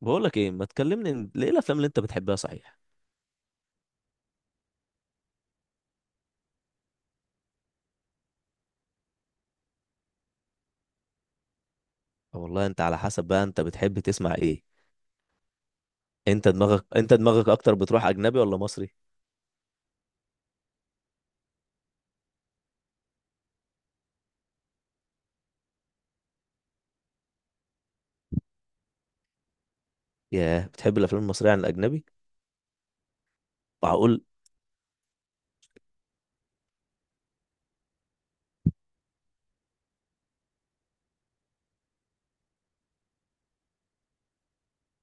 بقول لك ايه ما تكلمني ليه الافلام اللي انت بتحبها؟ صحيح. أه، والله انت على حسب بقى، انت بتحب تسمع ايه؟ انت دماغك اكتر، بتروح اجنبي ولا مصري؟ ياه، بتحب الافلام المصريه عن الاجنبي؟ معقول.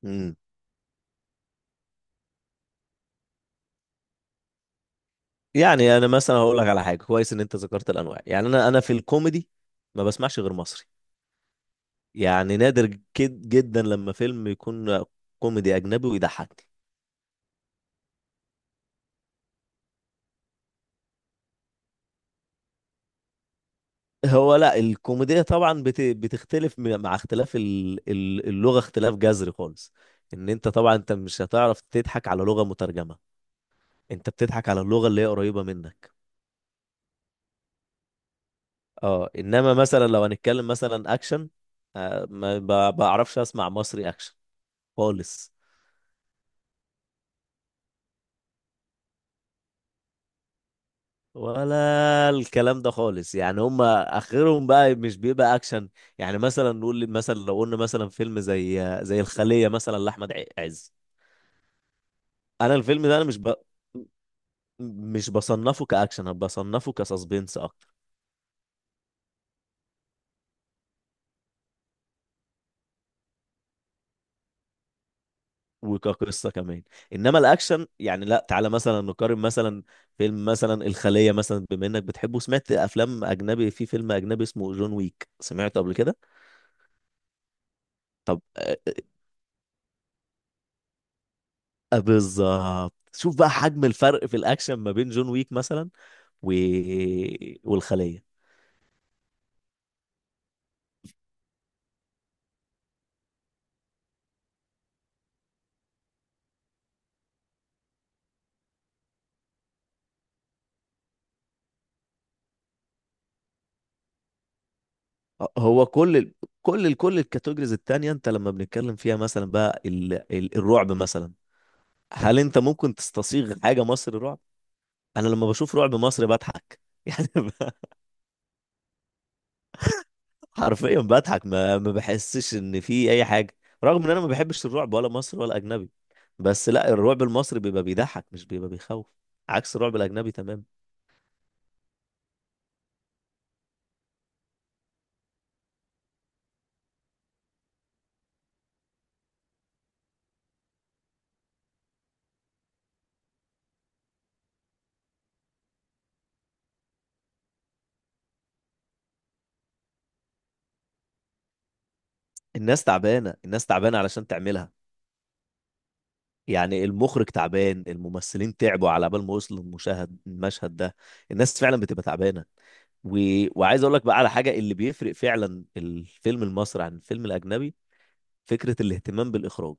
امم يعني انا مثلا هقول لك على حاجه كويس ان انت ذكرت الانواع. يعني انا في الكوميدي ما بسمعش غير مصري، يعني نادر جد جدا لما فيلم يكون كوميدي اجنبي ويضحكني. هو لا، الكوميديا طبعا بتختلف مع اختلاف اللغة، اختلاف جذري خالص. ان انت طبعا انت مش هتعرف تضحك على لغة مترجمة، انت بتضحك على اللغة اللي هي قريبة منك. اه، انما مثلا لو هنتكلم مثلا اكشن، ما بعرفش اسمع مصري اكشن خالص، ولا الكلام ده خالص، يعني هم اخرهم بقى مش بيبقى اكشن. يعني مثلا مثلا لو قلنا مثلا فيلم زي الخلية مثلا لاحمد عز. انا الفيلم ده انا مش بصنفه كأكشن، أنا بصنفه كسسبنس أكتر، وكقصة كمان. إنما الأكشن، يعني لا، تعالى مثلا نقارن مثلا فيلم مثلا الخلية مثلا، بما إنك بتحبه سمعت أفلام أجنبي. في فيلم أجنبي اسمه جون ويك، سمعته قبل كده؟ آه، آه، بالظبط. شوف بقى حجم الفرق في الأكشن ما بين جون ويك مثلا و... والخلية. آه، هو كل كل الكاتيجوريز التانية أنت لما بنتكلم فيها مثلا، بقى الرعب مثلا، هل أنت ممكن تستصيغ حاجة مصري رعب؟ انا لما بشوف رعب مصري بضحك. يعني حرفيا بضحك، ما بحسش ان في اي حاجه. رغم ان انا ما بحبش الرعب ولا مصري ولا اجنبي، بس لا، الرعب المصري بيبقى بيضحك مش بيبقى بيخوف، عكس الرعب الاجنبي تمام. الناس تعبانه، الناس تعبانه علشان تعملها. يعني المخرج تعبان، الممثلين تعبوا على بال ما وصلوا المشهد ده، الناس فعلا بتبقى تعبانه. و... وعايز اقول لك بقى على حاجه اللي بيفرق فعلا الفيلم المصري عن الفيلم الاجنبي: فكره الاهتمام بالاخراج.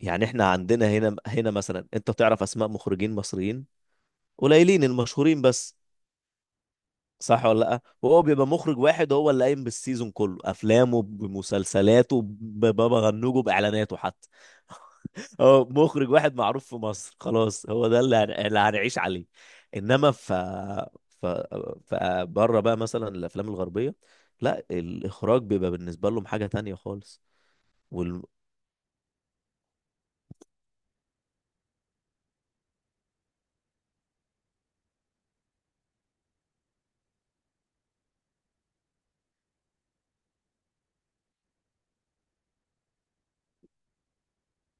يعني احنا عندنا هنا مثلا، انت بتعرف اسماء مخرجين مصريين قليلين المشهورين بس، صح ولا لا؟ وهو بيبقى مخرج واحد هو اللي قايم بالسيزون كله، افلامه بمسلسلاته ببابا غنوجه باعلاناته حتى. هو مخرج واحد معروف في مصر خلاص، هو ده اللي اللي هنعيش عليه. انما ف ف ف بره بقى مثلا الافلام الغربيه، لا، الاخراج بيبقى بالنسبه لهم حاجه تانية خالص.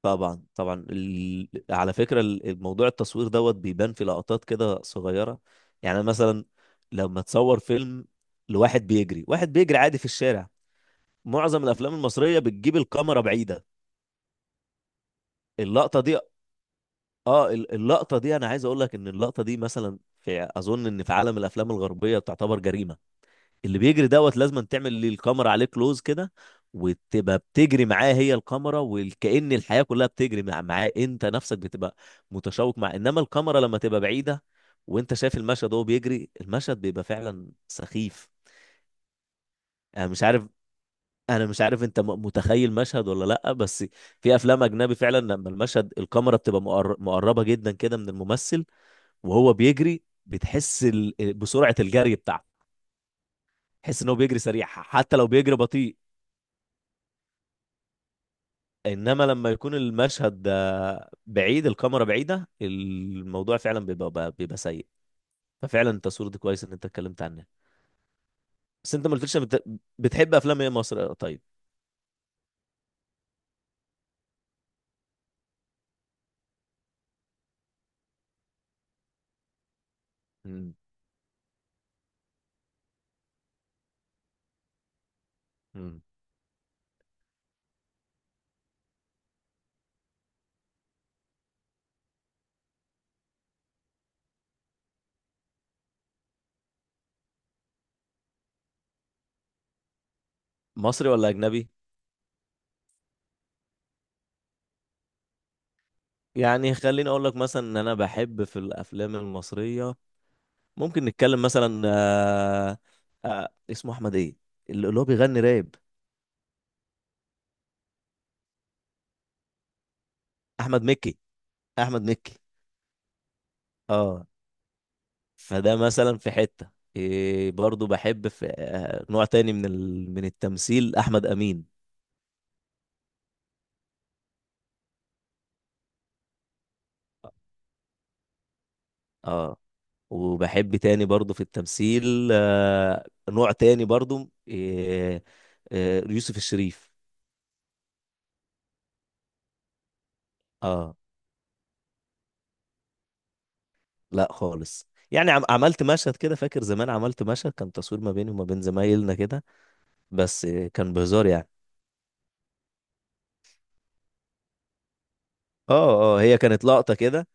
طبعا طبعا، على فكرة الموضوع التصوير دوت بيبان في لقطات كده صغيرة. يعني مثلا لما تصور فيلم لواحد بيجري، واحد بيجري عادي في الشارع، معظم الافلام المصرية بتجيب الكاميرا بعيدة. اللقطة دي، اه، اللقطة دي، انا عايز اقول لك ان اللقطة دي مثلا، في اظن ان في عالم الافلام الغربية تعتبر جريمة. اللي بيجري دوت لازم تعمل لي الكاميرا عليه كلوز كده، وتبقى بتجري معاه هي الكاميرا، وكأن الحياة كلها بتجري معاه، انت نفسك بتبقى متشوق مع. انما الكاميرا لما تبقى بعيدة وانت شايف المشهد وهو بيجري، المشهد بيبقى فعلا سخيف. انا مش عارف انا مش عارف انت متخيل مشهد ولا لا، بس في افلام اجنبي فعلا لما المشهد الكاميرا بتبقى مقربة جدا كده من الممثل وهو بيجري، بتحس بسرعة الجري بتاعته. تحس ان هو بيجري سريع حتى لو بيجري بطيء. انما لما يكون المشهد ده بعيد الكاميرا بعيده، الموضوع فعلا بيبقى بيبقى سيء. ففعلا التصوير ده كويس ان انت اتكلمت عنه. بس انت ما قلتليش بتحب افلام ايه مصر؟ طيب. مم. مم. مصري ولا اجنبي؟ يعني خليني اقول لك مثلا ان انا بحب في الافلام المصريه، ممكن نتكلم مثلا. اسمه احمد ايه، اللي هو بيغني راب. احمد مكي. احمد مكي، اه. فده مثلا في حتة. إيه، برضو بحب في نوع تاني من من التمثيل، أحمد أمين. اه، وبحب تاني برضو في التمثيل نوع تاني برضو، إيه، يوسف الشريف. اه. لا خالص، يعني عملت مشهد كده، فاكر زمان عملت مشهد كان تصوير ما بيني وما بين زمايلنا كده، بس كان بهزار يعني. اه اه، هي كانت لقطة كده.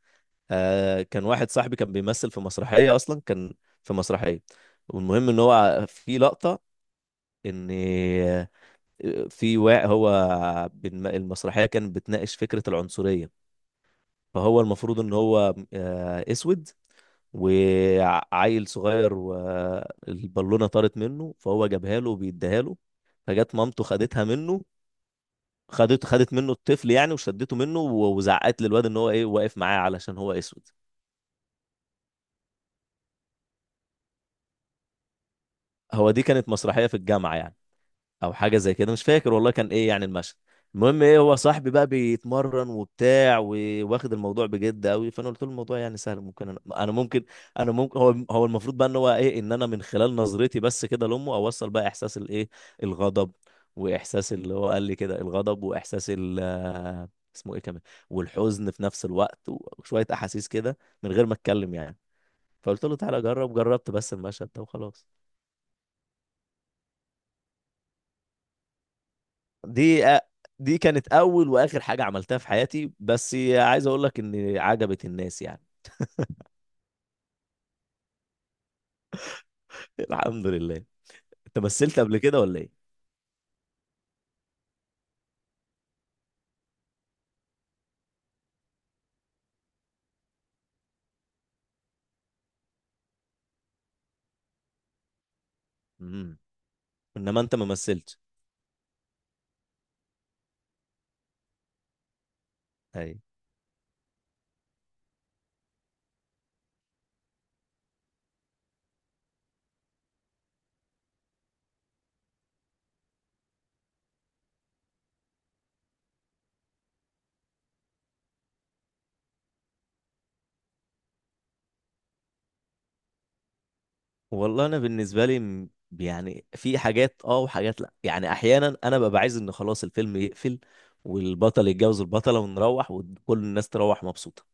كان واحد صاحبي كان بيمثل في مسرحية، أصلا كان في مسرحية. والمهم ان هو في لقطة ان في واقع هو المسرحيه كانت بتناقش فكره العنصريه. فهو المفروض ان هو اسود، وعيل صغير والبالونه طارت منه فهو جابها له وبيديها له، فجت مامته خدتها منه، خدت منه الطفل يعني وشدته منه وزعقت للواد ان هو ايه واقف معاه علشان هو اسود. هو دي كانت مسرحيه في الجامعه يعني، او حاجه زي كده مش فاكر والله كان ايه يعني المشهد. المهم، ايه، هو صاحبي بقى بيتمرن وبتاع وواخد الموضوع بجد قوي، فانا قلت له الموضوع يعني سهل، ممكن أنا ممكن انا ممكن، هو المفروض بقى ان هو ايه، ان انا من خلال نظرتي بس كده لامه اوصل بقى احساس الايه، الغضب، واحساس اللي هو قال لي كده الغضب، واحساس ال اسمه ايه كمان، والحزن في نفس الوقت، وشويه احاسيس كده من غير ما اتكلم يعني. فقلت له تعالى جرب، جربت بس المشهد ده وخلاص. دي دي كانت اول واخر حاجه عملتها في حياتي، بس عايز اقول لك ان عجبت الناس يعني. الحمد لله. انت مثلت قبل كده ولا ايه؟ امم انما انت ما مثلتش؟ اي، والله انا بالنسبه لي يعني في حاجات اه وحاجات لا. يعني احيانا انا ببقى عايز ان خلاص الفيلم يقفل والبطل يتجوز البطله ونروح وكل الناس تروح مبسوطه،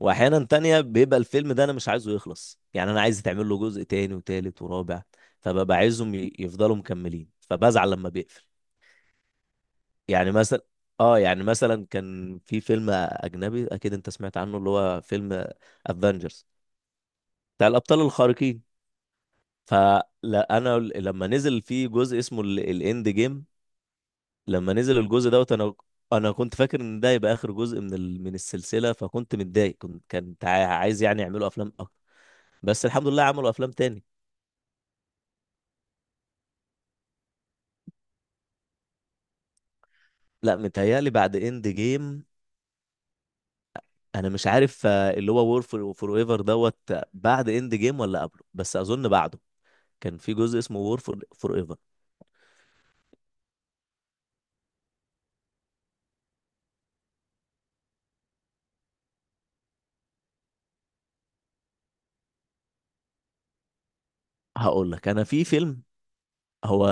واحيانا تانية بيبقى الفيلم ده انا مش عايزه يخلص، يعني انا عايز تعمل له جزء تاني وتالت ورابع، فببقى عايزهم يفضلوا مكملين، فبزعل لما بيقفل. يعني مثلا، اه، يعني مثلا كان في فيلم اجنبي اكيد انت سمعت عنه اللي هو فيلم افنجرز بتاع الابطال الخارقين، فلا انا لما نزل في جزء اسمه الاند جيم، لما نزل الجزء دوت، انا كنت فاكر ان ده يبقى اخر جزء من من السلسله، فكنت متضايق، كنت عايز يعني يعملوا افلام اكتر، بس الحمد لله عملوا افلام تاني. لا متهيألي بعد اند جيم، انا مش عارف اللي هو وور فور فور ايفر دوت بعد اند جيم ولا قبله، بس اظن بعده. كان في جزء اسمه وور فور فور ايفر. هقول لك انا في فيلم، هو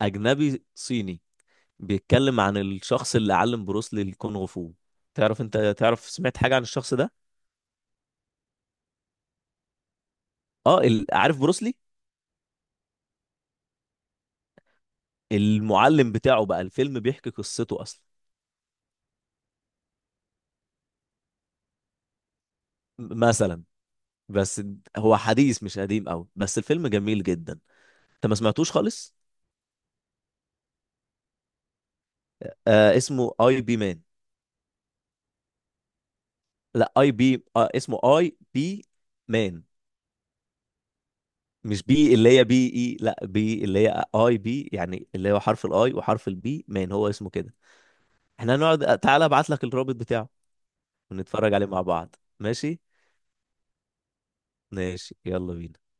اجنبي صيني، بيتكلم عن الشخص اللي علم بروسلي الكونغ فو. انت تعرف سمعت حاجة عن الشخص ده؟ اه، عارف بروسلي؟ المعلم بتاعه بقى، الفيلم بيحكي قصته اصلا. مثلا، بس. هو حديث مش قديم قوي بس الفيلم جميل جدا. انت ما سمعتوش خالص؟ اسمه اي بي مان. لا اي بي، اسمه اي بي مان. مش بي اللي هي بي اي، لا بي اللي هي اي بي، يعني اللي هو حرف الاي وحرف البي مان، هو اسمه كده. احنا هنقعد، تعالى ابعت لك الرابط بتاعه ونتفرج عليه مع بعض، ماشي؟ ماشي، يلا بينا.